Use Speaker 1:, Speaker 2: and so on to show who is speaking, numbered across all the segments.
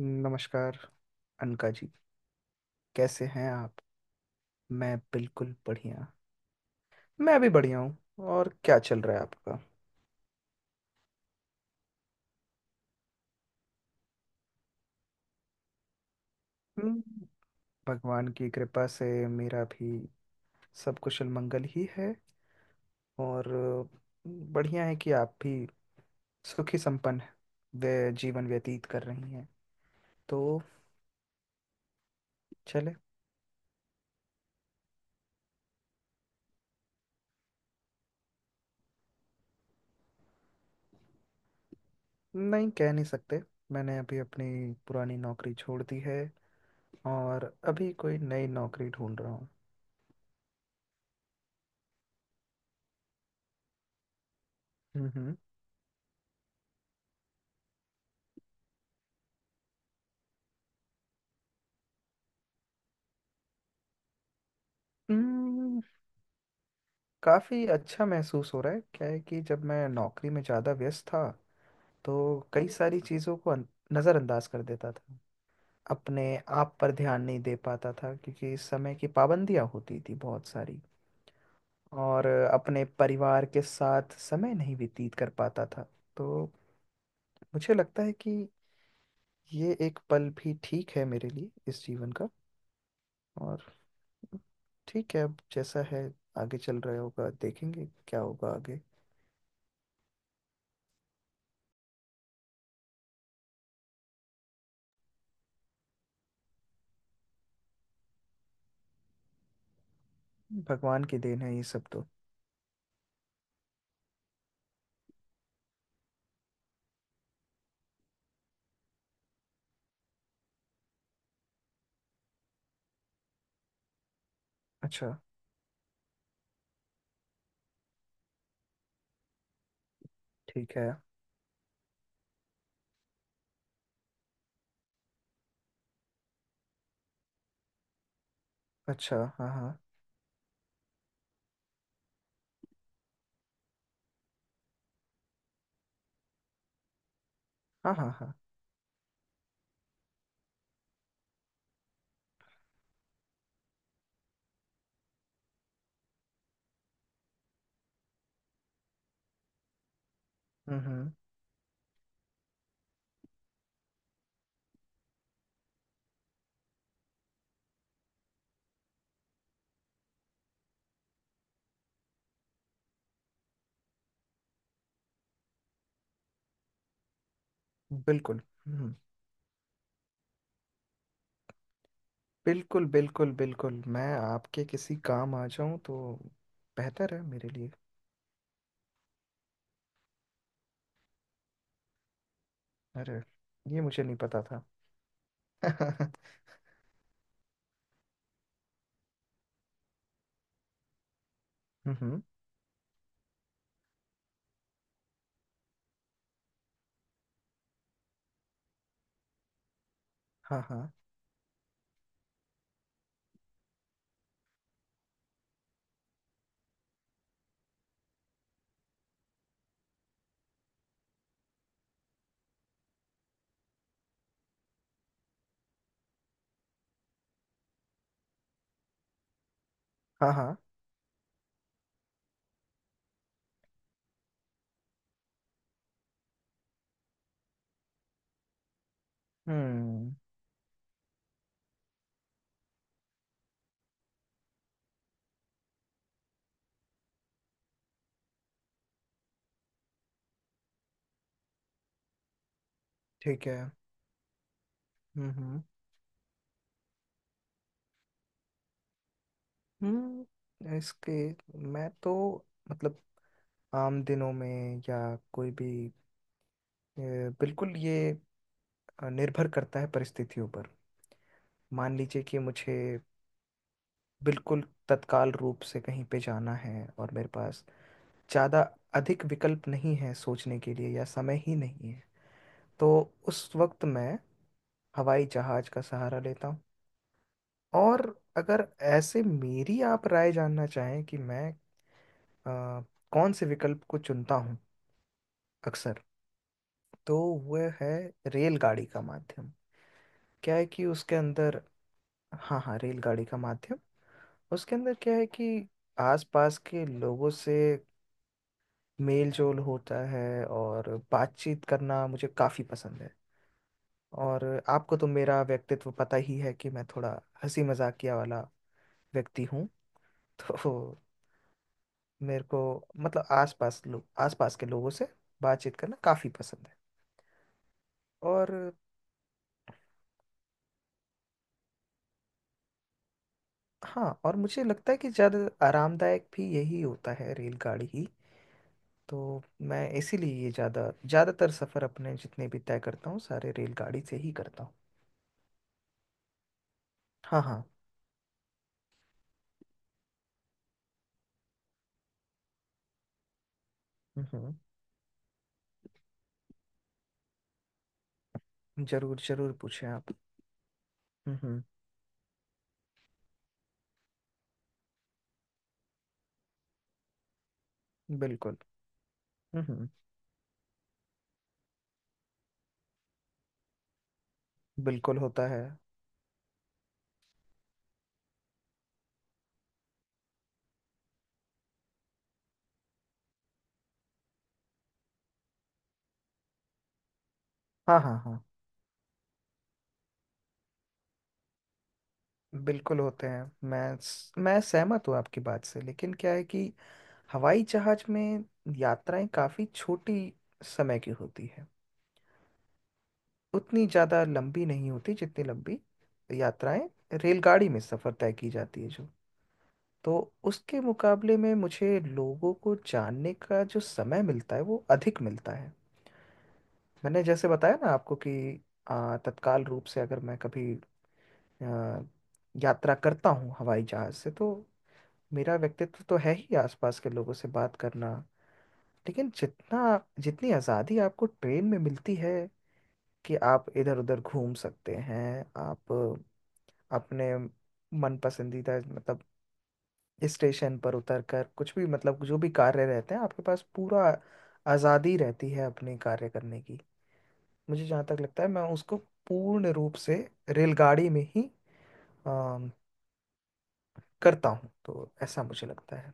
Speaker 1: नमस्कार अनका जी। कैसे हैं आप? मैं बिल्कुल बढ़िया। मैं भी बढ़िया हूँ। और क्या चल रहा है आपका? हम्म। भगवान की कृपा से मेरा भी सब कुशल मंगल ही है। और बढ़िया है कि आप भी सुखी संपन्न वे जीवन व्यतीत कर रही हैं। तो चले। नहीं, कह नहीं सकते। मैंने अभी अपनी पुरानी नौकरी छोड़ दी है। और अभी कोई नई नौकरी ढूंढ रहा हूँ। हम्म। हम्म। काफ़ी अच्छा महसूस हो रहा है। क्या है कि जब मैं नौकरी में ज़्यादा व्यस्त था तो कई सारी चीज़ों को नज़रअंदाज कर देता था। अपने आप पर ध्यान नहीं दे पाता था क्योंकि समय की पाबंदियाँ होती थी बहुत सारी। और अपने परिवार के साथ समय नहीं व्यतीत कर पाता था। तो मुझे लगता है कि ये एक पल भी ठीक है मेरे लिए इस जीवन का। और ठीक है, अब जैसा है आगे चल रहा होगा, देखेंगे क्या होगा आगे। भगवान की देन है ये सब तो। अच्छा। ठीक है। अच्छा। हाँ, हाँ, हाँ, हाँ, हाँ। हम्म। हम्म। बिल्कुल। हम्म। बिल्कुल बिल्कुल बिल्कुल, मैं आपके किसी काम आ जाऊं तो बेहतर है मेरे लिए। अरे, ये मुझे नहीं पता था। हम्म। हम्म। हाँ, हाँ, हाँ, हाँ। हम्म। ठीक है। हम्म। हम्म। इसके मैं तो मतलब आम दिनों में या कोई भी, अ, बिल्कुल ये निर्भर करता है परिस्थितियों पर। मान लीजिए कि मुझे बिल्कुल तत्काल रूप से कहीं पे जाना है और मेरे पास ज़्यादा अधिक विकल्प नहीं है सोचने के लिए या समय ही नहीं है। तो उस वक्त मैं हवाई जहाज का सहारा लेता हूँ। और अगर ऐसे मेरी आप राय जानना चाहें कि मैं अ, कौन से विकल्प को चुनता हूँ अक्सर, तो वह है रेलगाड़ी का माध्यम। क्या है कि उसके अंदर। हाँ हाँ, रेलगाड़ी का माध्यम। उसके अंदर क्या है कि आसपास के लोगों से मेल जोल होता है और बातचीत करना मुझे काफ़ी पसंद है। और आपको तो मेरा व्यक्तित्व पता ही है कि मैं थोड़ा हंसी मजाकिया वाला व्यक्ति हूँ। तो मेरे को मतलब आसपास लोग आसपास के लोगों से बातचीत करना काफ़ी पसंद है। और हाँ, और मुझे लगता है कि ज़्यादा आरामदायक भी यही होता है, रेलगाड़ी ही। तो मैं इसीलिए ये ज़्यादातर सफ़र अपने जितने भी तय करता हूँ सारे रेलगाड़ी से ही करता हूँ। हाँ, हाँ। हम्म। जरूर जरूर, पूछें आप। हम्म। बिल्कुल। हम्म। बिल्कुल होता है। हाँ, हाँ, हाँ, बिल्कुल होते हैं। मैं सहमत हूँ आपकी बात से, लेकिन क्या है कि हवाई जहाज में यात्राएं काफी छोटी समय की होती है, उतनी ज्यादा लंबी नहीं होती जितनी लंबी यात्राएं रेलगाड़ी में सफर तय की जाती है जो। तो उसके मुकाबले में मुझे लोगों को जानने का जो समय मिलता है वो अधिक मिलता है। मैंने जैसे बताया ना आपको कि तत्काल रूप से अगर मैं कभी अ, यात्रा करता हूँ हवाई जहाज से, तो मेरा व्यक्तित्व तो है ही आसपास के लोगों से बात करना। लेकिन जितना जितनी आज़ादी आपको ट्रेन में मिलती है कि आप इधर उधर घूम सकते हैं। आप अपने मन पसंदीदा मतलब स्टेशन पर उतर कर कुछ भी मतलब जो भी कार्य रहते हैं आपके पास, पूरा आज़ादी रहती है अपने कार्य करने की। मुझे जहाँ तक लगता है मैं उसको पूर्ण रूप से रेलगाड़ी में ही अम, करता हूँ, तो ऐसा मुझे लगता है।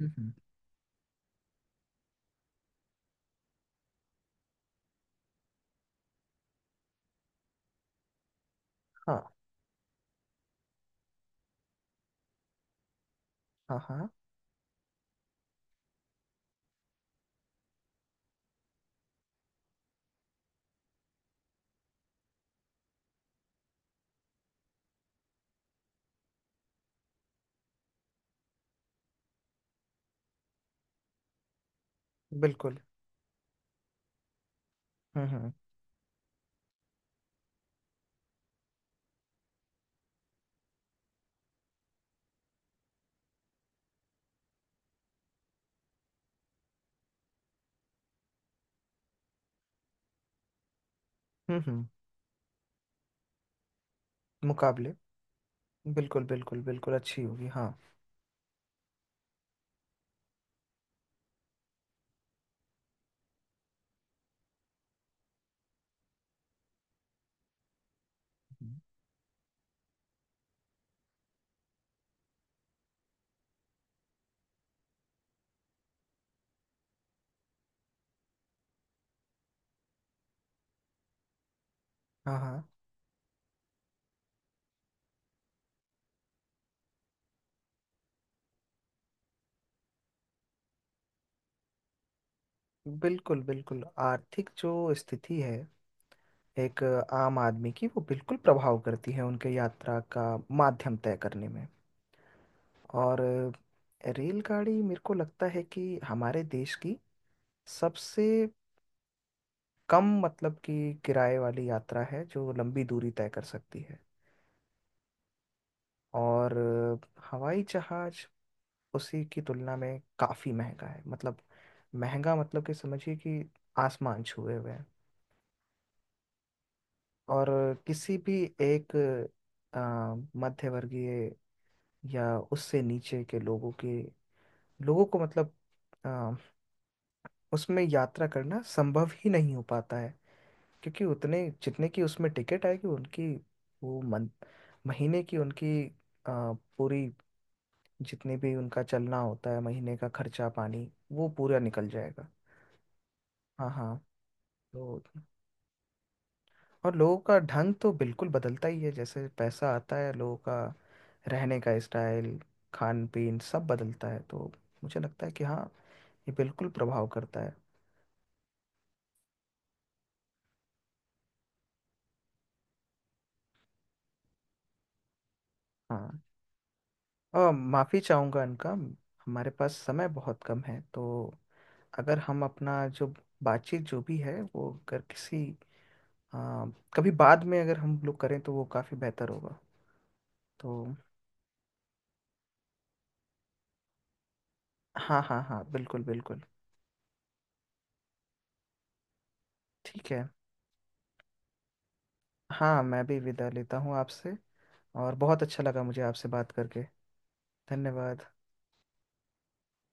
Speaker 1: हम्म, हाँ, हाँ, हाँ, बिल्कुल। हम्म। हम्म। हम्म। मुकाबले, बिल्कुल बिल्कुल बिल्कुल अच्छी होगी, हाँ। हम्म, हाँ, हाँ, बिल्कुल बिल्कुल। आर्थिक जो स्थिति है एक आम आदमी की वो बिल्कुल प्रभाव करती है उनके यात्रा का माध्यम तय करने में। और रेलगाड़ी मेरे को लगता है कि हमारे देश की सबसे कम मतलब कि किराए वाली यात्रा है जो लंबी दूरी तय कर सकती है। और हवाई जहाज उसी की तुलना में काफ़ी महंगा है, मतलब महंगा मतलब कि समझिए कि आसमान छुए हुए हैं। और किसी भी एक अ, मध्यवर्गीय या उससे नीचे के लोगों को मतलब अ, उसमें यात्रा करना संभव ही नहीं हो पाता है। क्योंकि उतने जितने की उसमें टिकट आएगी उनकी, वो मन महीने की उनकी अ, पूरी जितने भी उनका चलना होता है महीने का खर्चा पानी वो पूरा निकल जाएगा। हाँ, हाँ। तो और लोगों का ढंग तो बिल्कुल बदलता ही है, जैसे पैसा आता है लोगों का रहने का स्टाइल खान पीन सब बदलता है। तो मुझे लगता है कि हाँ, ये बिल्कुल प्रभाव करता है। हाँ, और माफ़ी चाहूँगा इनका, हमारे पास समय बहुत कम है। तो अगर हम अपना जो बातचीत जो भी है वो अगर किसी, हाँ, कभी बाद में अगर हम लोग करें तो वो काफ़ी बेहतर होगा। तो हाँ, हाँ, हाँ, बिल्कुल बिल्कुल। ठीक है। हाँ, मैं भी विदा लेता हूँ आपसे। और बहुत अच्छा लगा मुझे आपसे बात करके। धन्यवाद।